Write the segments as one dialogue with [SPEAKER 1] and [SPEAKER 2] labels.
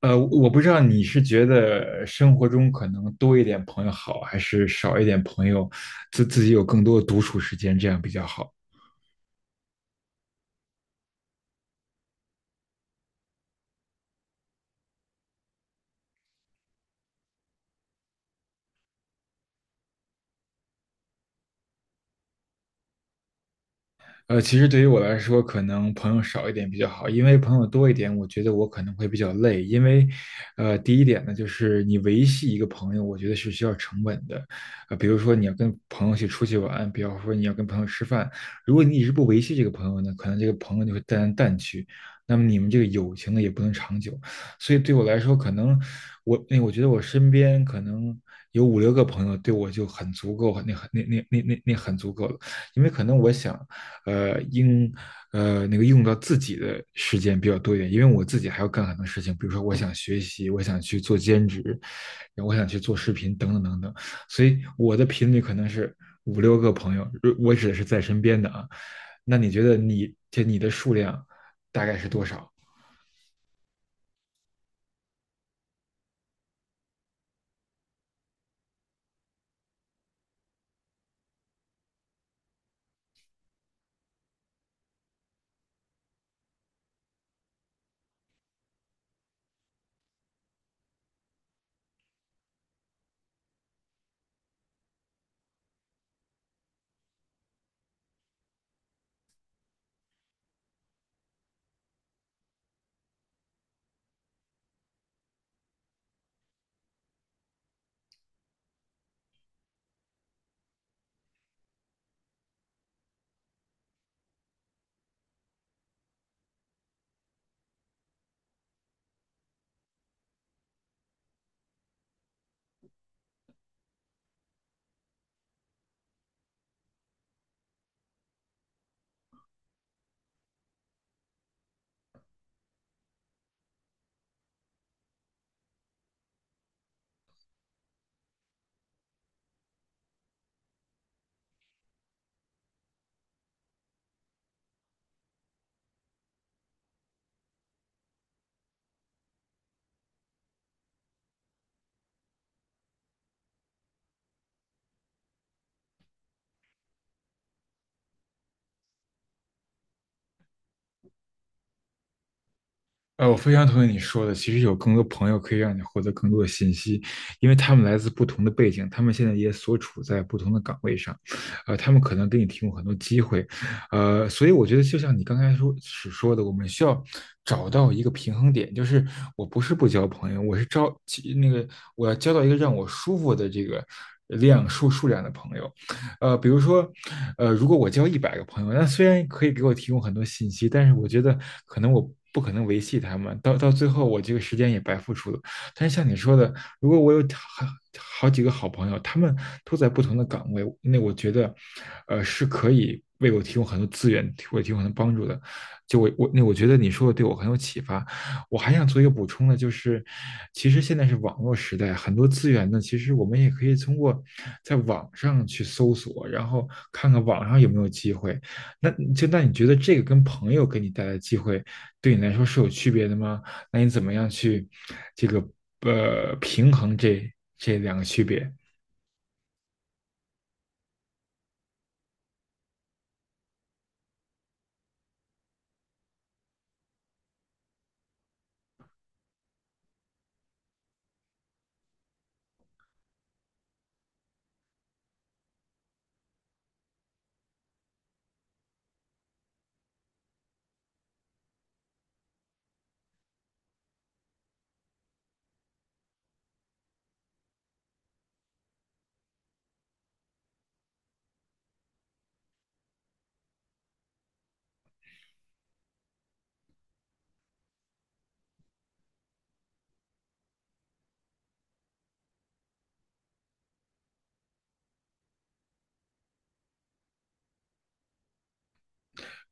[SPEAKER 1] 我不知道你是觉得生活中可能多一点朋友好，还是少一点朋友，自己有更多的独处时间，这样比较好。其实对于我来说，可能朋友少一点比较好，因为朋友多一点，我觉得我可能会比较累。因为，第一点呢，就是你维系一个朋友，我觉得是需要成本的。比如说你要跟朋友去出去玩，比方说你要跟朋友吃饭，如果你一直不维系这个朋友呢，可能这个朋友就会淡来淡去，那么你们这个友情呢也不能长久。所以对我来说，可能我觉得我身边可能有五六个朋友，对我就很足够，那很那那那那那很足够了，因为可能我想。呃应呃那个用到自己的时间比较多一点，因为我自己还要干很多事情，比如说我想学习，我想去做兼职，然后我想去做视频等等等等，所以我的频率可能是五六个朋友，我指的是在身边的啊。那你觉得你的数量大概是多少？我非常同意你说的。其实有更多朋友可以让你获得更多的信息，因为他们来自不同的背景，他们现在也所处在不同的岗位上，他们可能给你提供很多机会，所以我觉得就像你刚才说所说的，我们需要找到一个平衡点，就是我不是不交朋友，我是招其那个我要交到一个让我舒服的这个数量的朋友，比如说，如果我交100个朋友，那虽然可以给我提供很多信息，但是我觉得可能我不可能维系他们，到最后我这个时间也白付出了。但是像你说的，如果我有好几个好朋友，他们都在不同的岗位，那我觉得，是可以为我提供很多资源，为我提供很多帮助的。就我我那我觉得你说的对我很有启发。我还想做一个补充的，就是其实现在是网络时代，很多资源呢，其实我们也可以通过在网上去搜索，然后看看网上有没有机会。那你觉得这个跟朋友给你带来的机会，对你来说是有区别的吗？那你怎么样去这个平衡这两个区别？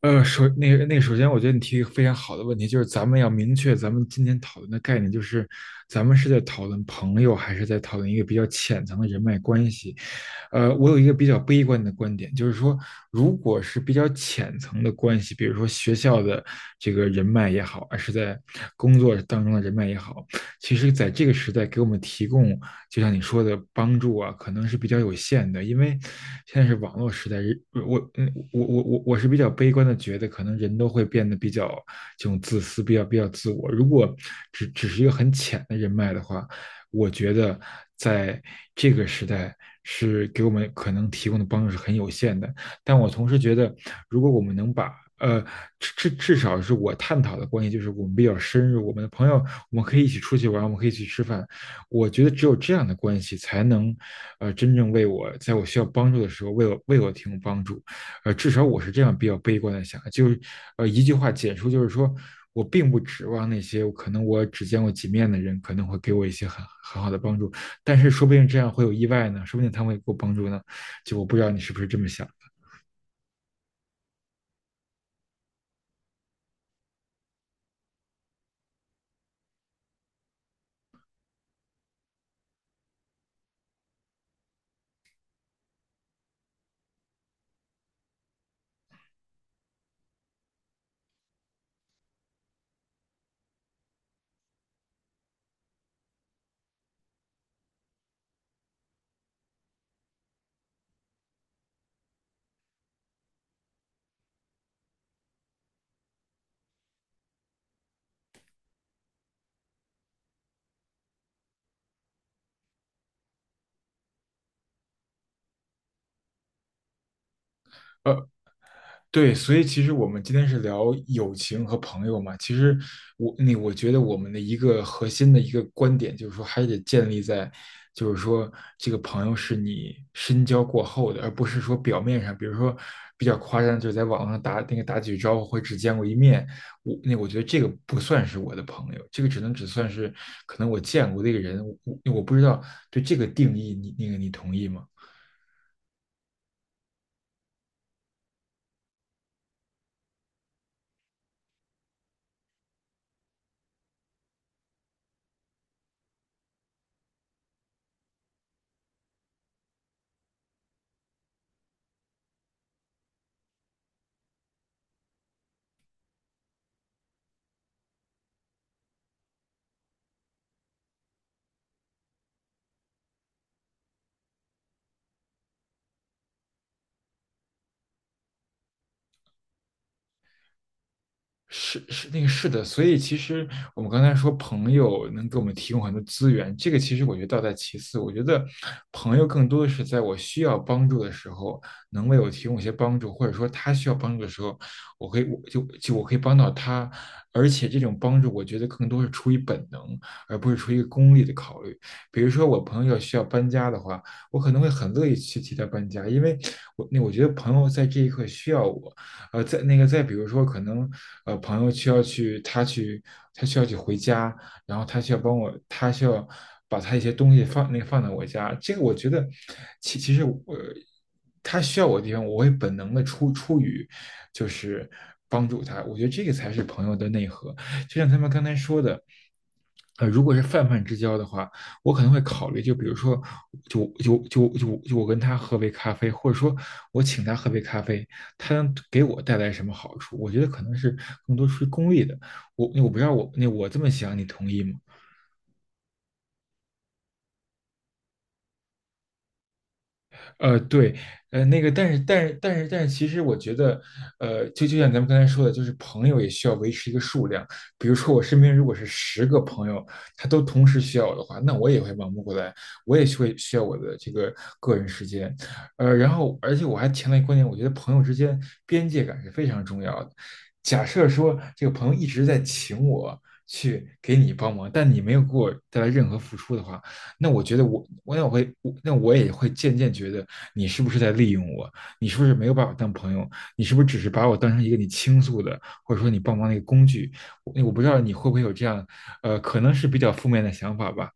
[SPEAKER 1] 呃，首那个那个，首先我觉得你提一个非常好的问题，就是咱们要明确咱们今天讨论的概念，就是咱们是在讨论朋友，还是在讨论一个比较浅层的人脉关系？我有一个比较悲观的观点，就是说，如果是比较浅层的关系，比如说学校的这个人脉也好，还是在工作当中的人脉也好，其实在这个时代给我们提供就像你说的帮助啊，可能是比较有限的，因为现在是网络时代，我嗯我我我我是比较悲观的，觉得可能人都会变得比较这种自私，比较自我。如果只是一个很浅的人脉的话，我觉得在这个时代是给我们可能提供的帮助是很有限的。但我同时觉得，如果我们能把呃，至少是我探讨的关系，就是我们比较深入，我们的朋友，我们可以一起出去玩，我们可以一起吃饭，我觉得只有这样的关系才能，真正为我在我需要帮助的时候为我提供帮助，至少我是这样比较悲观的想，就是，一句话简述就是说我并不指望那些可能我只见过几面的人可能会给我一些很好的帮助，但是说不定这样会有意外呢，说不定他们会给我帮助呢，就我不知道你是不是这么想。呃，对，所以其实我们今天是聊友情和朋友嘛。其实我觉得我们的一个核心的一个观点就是说，还得建立在，就是说这个朋友是你深交过后的，而不是说表面上，比如说比较夸张，就是在网上打那个打几句招呼或者只见过一面，我觉得这个不算是我的朋友，这个只能算是可能我见过的一个人，我不知道对这个定义你那个你同意吗？是的，所以其实我们刚才说朋友能给我们提供很多资源，这个其实我觉得倒在其次。我觉得朋友更多的是在我需要帮助的时候，能为我提供一些帮助，或者说他需要帮助的时候，我可以帮到他。而且这种帮助，我觉得更多是出于本能，而不是出于一个功利的考虑。比如说我朋友需要搬家的话，我可能会很乐意去替他搬家，因为我觉得朋友在这一刻需要我，呃，再那个再比如说，可能呃朋友需要去他去他需要去回家，然后他需要帮我，他需要把他一些东西放那个放在我家，这个我觉得其实他需要我的地方，我会本能的出于就是帮助他，我觉得这个才是朋友的内核，就像他们刚才说的，如果是泛泛之交的话，我可能会考虑，就比如说，就我跟他喝杯咖啡，或者说我请他喝杯咖啡，他能给我带来什么好处？我觉得可能是更多出于功利的。我不知道我这么想，你同意吗？对，但是，其实我觉得，就像咱们刚才说的，就是朋友也需要维持一个数量。比如说，我身边如果是10个朋友，他都同时需要我的话，那我也会忙不过来，我也会需要我的这个个人时间。然后，而且我还强调一个观点，我觉得朋友之间边界感是非常重要的。假设说这个朋友一直在请我去给你帮忙，但你没有给我带来任何付出的话，那我觉得我我那我会我那我也会渐渐觉得你是不是在利用我？你是不是没有把我当朋友？你是不是只是把我当成一个你倾诉的，或者说你帮忙的一个工具？我不知道你会不会有这样，可能是比较负面的想法吧。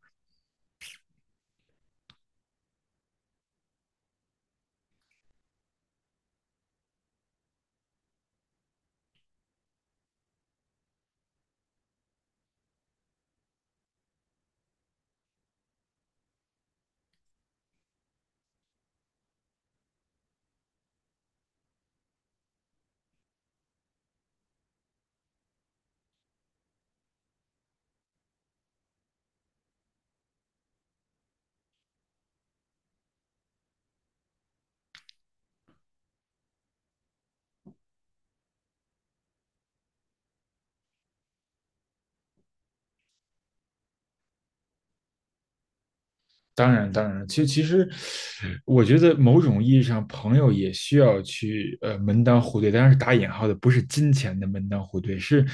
[SPEAKER 1] 当然，当然，其实，我觉得某种意义上，朋友也需要去门当户对，当然是打引号的，不是金钱的门当户对，是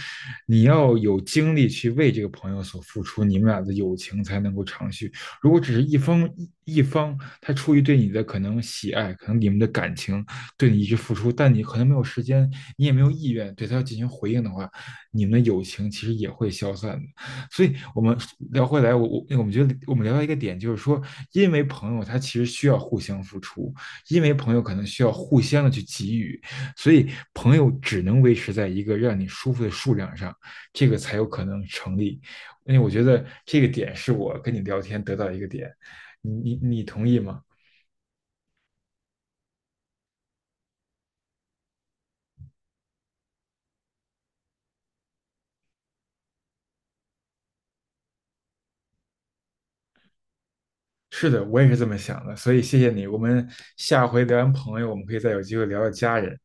[SPEAKER 1] 你要有精力去为这个朋友所付出，你们俩的友情才能够长续。如果只是一方，他出于对你的可能喜爱，可能你们的感情对你一直付出，但你可能没有时间，你也没有意愿对他进行回应的话，你们的友情其实也会消散的。所以我们聊回来，我们觉得我们聊到一个点，就是说，因为朋友他其实需要互相付出，因为朋友可能需要互相的去给予，所以朋友只能维持在一个让你舒服的数量上，这个才有可能成立。因为我觉得这个点是我跟你聊天得到一个点，你同意吗？是的，我也是这么想的，所以谢谢你。我们下回聊完朋友，我们可以再有机会聊聊家人。